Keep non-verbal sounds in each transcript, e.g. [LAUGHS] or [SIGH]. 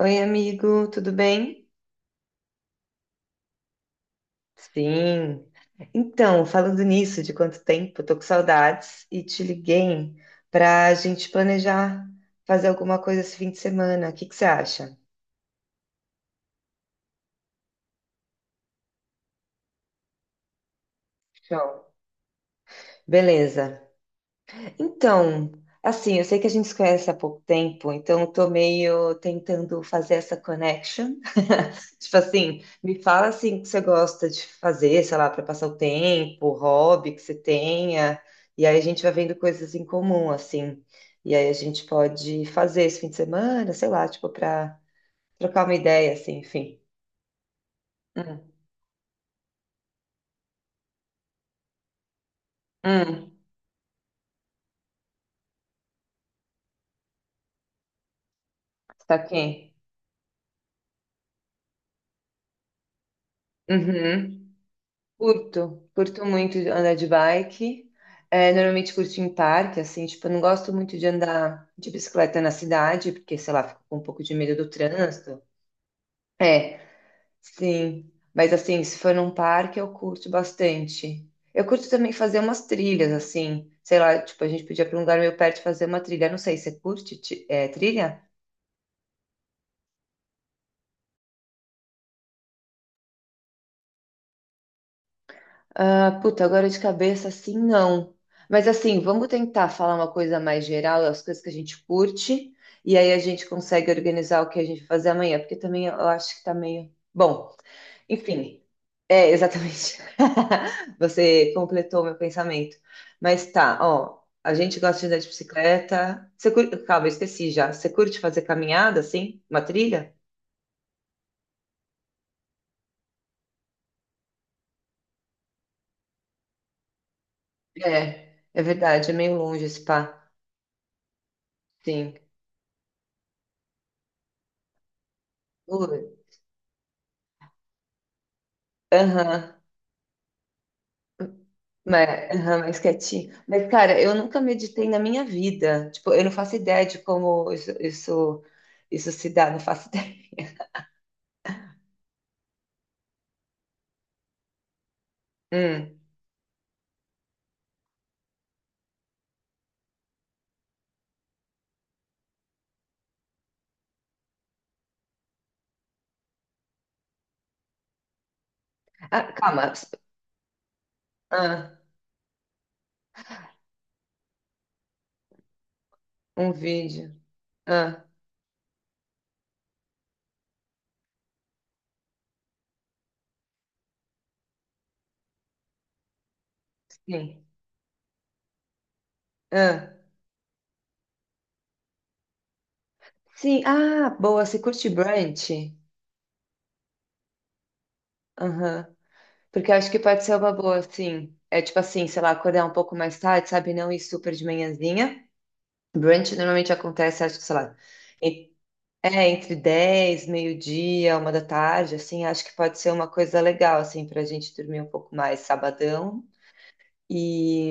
Oi, amigo, tudo bem? Sim. Então, falando nisso, de quanto tempo, tô com saudades e te liguei para a gente planejar fazer alguma coisa esse fim de semana. O que que você acha? Show. Beleza. Então, assim, eu sei que a gente se conhece há pouco tempo, então eu tô meio tentando fazer essa connection. Tipo assim, me fala assim o que você gosta de fazer, sei lá, para passar o tempo, hobby que você tenha, e aí a gente vai vendo coisas em comum, assim. E aí a gente pode fazer esse fim de semana, sei lá, tipo, para trocar uma ideia, assim, enfim. Hum, hum, tá aqui. Uhum. Curto muito andar de bike. É, normalmente curto em parque, assim, tipo, eu não gosto muito de andar de bicicleta na cidade, porque, sei lá, fico com um pouco de medo do trânsito. É, Sim, mas assim, se for num parque, eu curto bastante. Eu curto também fazer umas trilhas, assim, sei lá, tipo, a gente podia ir pra um lugar meio perto e fazer uma trilha. Não sei, você curte, trilha? Ah, puta, agora de cabeça, assim, não. Mas assim, vamos tentar falar uma coisa mais geral, as coisas que a gente curte, e aí a gente consegue organizar o que a gente vai fazer amanhã, porque também eu acho que tá meio. Bom, enfim, é exatamente. [LAUGHS] Você completou meu pensamento. Mas tá, ó, a gente gosta de andar de bicicleta. Você curte... Calma, eu esqueci já. Você curte fazer caminhada, assim? Uma trilha? É, é verdade, é meio longe esse pá. Sim. Ui. Aham. Mas, aham, mais quietinho. Mas, cara, eu nunca meditei na minha vida. Tipo, eu não faço ideia de como isso se dá, não faço [LAUGHS] ideia. Hum. Ah, calma. Ah, um vídeo. Ah, sim. Ah, sim. Ah, boa. Você curte brunch? Aham. Porque eu acho que pode ser uma boa, sim. É tipo assim, sei lá, acordar um pouco mais tarde, sabe? Não ir super de manhãzinha. Brunch normalmente acontece, acho que, sei lá, é, entre 10, meio-dia, 1h da tarde, assim, acho que pode ser uma coisa legal, assim, pra gente dormir um pouco mais sabadão e,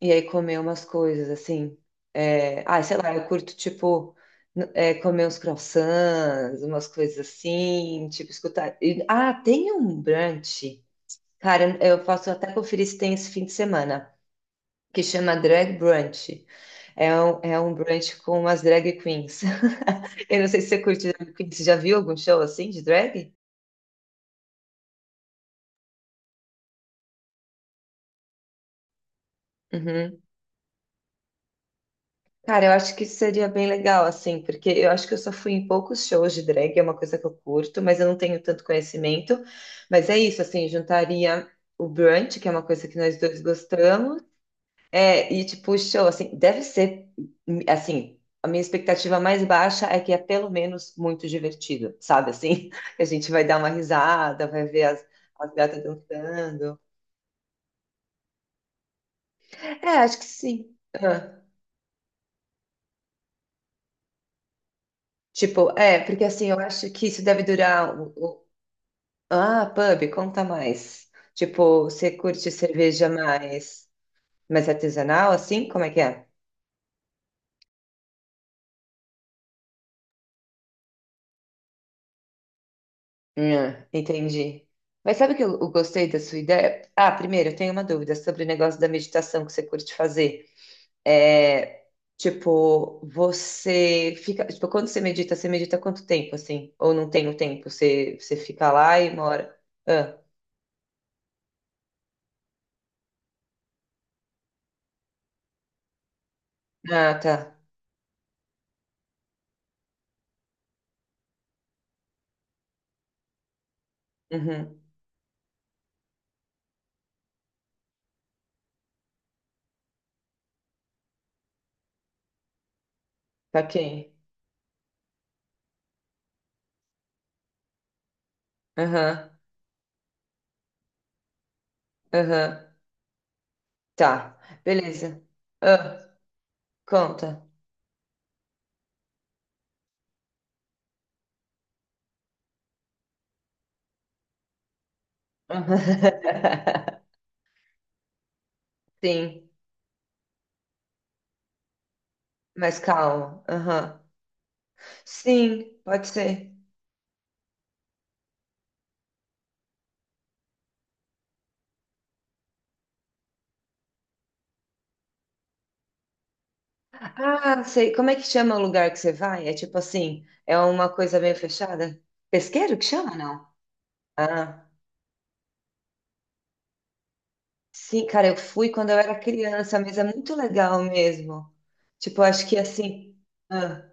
e aí comer umas coisas, assim. É, ah, sei lá, eu curto, tipo, comer uns croissants, umas coisas assim, tipo, escutar. Ah, tem um brunch, cara, eu posso até conferir se tem esse fim de semana, que chama Drag Brunch. É um brunch com umas drag queens. Eu não sei se você curte drag queen, você já viu algum show assim de drag? Uhum. Cara, eu acho que isso seria bem legal, assim, porque eu acho que eu só fui em poucos shows de drag, é uma coisa que eu curto, mas eu não tenho tanto conhecimento. Mas é isso, assim, juntaria o brunch, que é uma coisa que nós dois gostamos, é, e tipo, o show, assim, deve ser, assim, a minha expectativa mais baixa é que é pelo menos muito divertido, sabe, assim. [LAUGHS] Que a gente vai dar uma risada, vai ver as, as gatas dançando. É, acho que sim. Ah. Tipo, é, porque assim, eu acho que isso deve durar. Ah, pub, conta mais. Tipo, você curte cerveja mais, mais artesanal, assim? Como é que é? Entendi. Mas sabe que eu gostei da sua ideia? Ah, primeiro, eu tenho uma dúvida sobre o negócio da meditação que você curte fazer. É, tipo, você fica. Tipo, quando você medita quanto tempo, assim? Ou não tem o tempo? Você, você fica lá e mora. Ah, ah, tá. Uhum. Tá quem? Aham. Aham. Tá. Beleza. Ah, conta. [LAUGHS] Sim. Mas calma. Aham. Sim, pode ser. Ah, sei. Como é que chama o lugar que você vai? É tipo assim, é uma coisa meio fechada? Pesqueiro que chama, não? Ah, sim, cara, eu fui quando eu era criança, mas é muito legal mesmo. Tipo, acho que assim. Ah,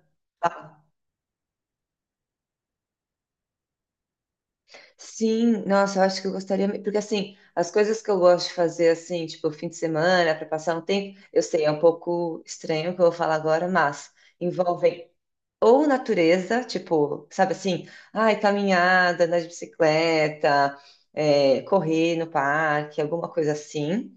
sim, nossa, eu acho que eu gostaria, porque assim, as coisas que eu gosto de fazer assim, tipo fim de semana, para passar um tempo, eu sei, é um pouco estranho o que eu vou falar agora, mas envolvem ou natureza, tipo, sabe assim, ai, caminhada, andar de bicicleta, é, correr no parque, alguma coisa assim,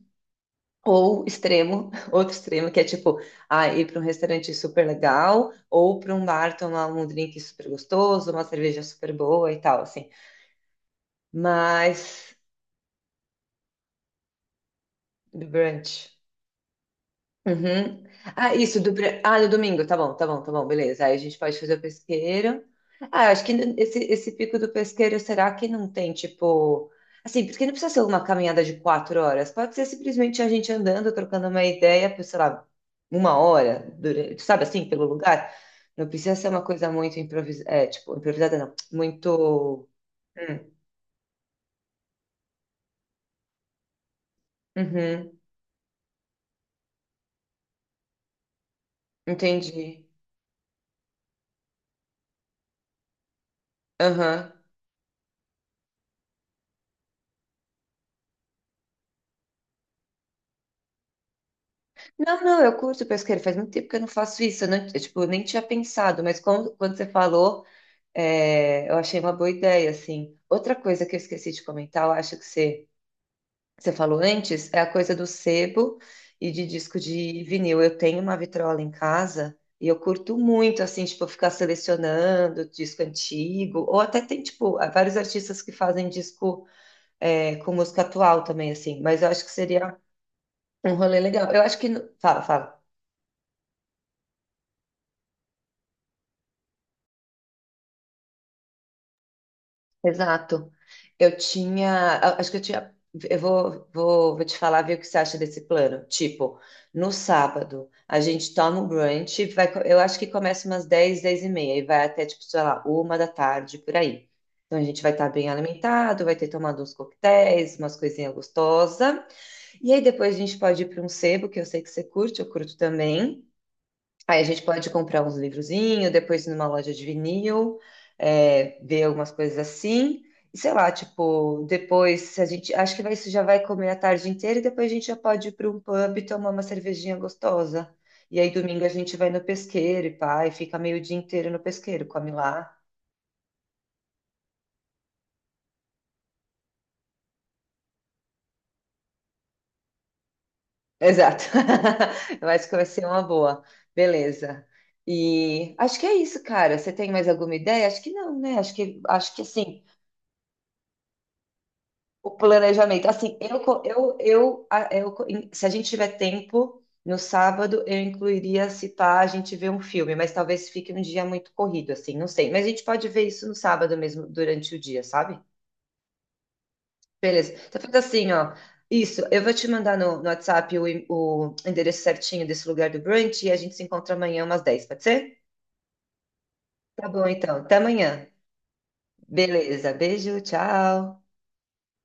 ou extremo, [LAUGHS] outro extremo, que é tipo, ah, ir para um restaurante super legal, ou para um bar tomar um drink super gostoso, uma cerveja super boa e tal, assim. Mas do brunch. Uhum. Ah, isso, ah, no domingo, tá bom, beleza. Aí a gente pode fazer o pesqueiro. Ah, eu acho que esse pico do pesqueiro, será que não tem, tipo. Assim, porque não precisa ser uma caminhada de 4 horas, pode ser simplesmente a gente andando, trocando uma ideia por, sei lá, 1 hora, durante, sabe assim, pelo lugar. Não precisa ser uma coisa muito improvisada, é, tipo, improvisada não, muito. Hum. Uhum, entendi. Aham. Não, não, eu curto pesqueiro. Faz muito tempo que eu não faço isso. Eu, tipo, nem tinha pensado, quando você falou, é, eu achei uma boa ideia, assim. Outra coisa que eu esqueci de comentar, eu acho que que você falou antes, é a coisa do sebo e de disco de vinil. Eu tenho uma vitrola em casa e eu curto muito, assim, tipo, ficar selecionando disco antigo. Ou até tem, tipo, vários artistas que fazem disco, é, com música atual também, assim. Mas eu acho que seria um rolê legal. Eu acho que... Fala, fala. Exato. Eu tinha, acho que eu tinha, eu vou te falar, ver o que você acha desse plano. Tipo, no sábado, a gente toma um brunch, eu acho que começa umas 10h, 10h30, e vai até, tipo, sei lá, 1h da tarde, por aí. Então, a gente vai estar bem alimentado, vai ter tomado uns coquetéis, umas coisinhas gostosas. E aí, depois a gente pode ir para um sebo, que eu sei que você curte, eu curto também. Aí a gente pode comprar uns livrozinhos, depois ir numa loja de vinil, é, ver algumas coisas assim. E sei lá, tipo, depois se a gente. Acho que isso já vai comer a tarde inteira e depois a gente já pode ir para um pub e tomar uma cervejinha gostosa. E aí domingo a gente vai no pesqueiro e pá, e fica meio dia inteiro no pesqueiro, come lá. Exato. [LAUGHS] Eu acho que vai ser uma boa. Beleza. E acho que é isso, cara. Você tem mais alguma ideia? Acho que não, né? Acho que assim. O planejamento. Assim, eu, co- eu, a- eu, co- em- se a gente tiver tempo, no sábado eu incluiria, se pá, a gente ver um filme, mas talvez fique um dia muito corrido, assim, não sei. Mas a gente pode ver isso no sábado mesmo, durante o dia, sabe? Beleza. Tá feito assim, ó. Isso, eu vou te mandar no WhatsApp o endereço certinho desse lugar do brunch e a gente se encontra amanhã umas 10h pode ser? Tá bom, então. Até amanhã. Beleza. Beijo, tchau.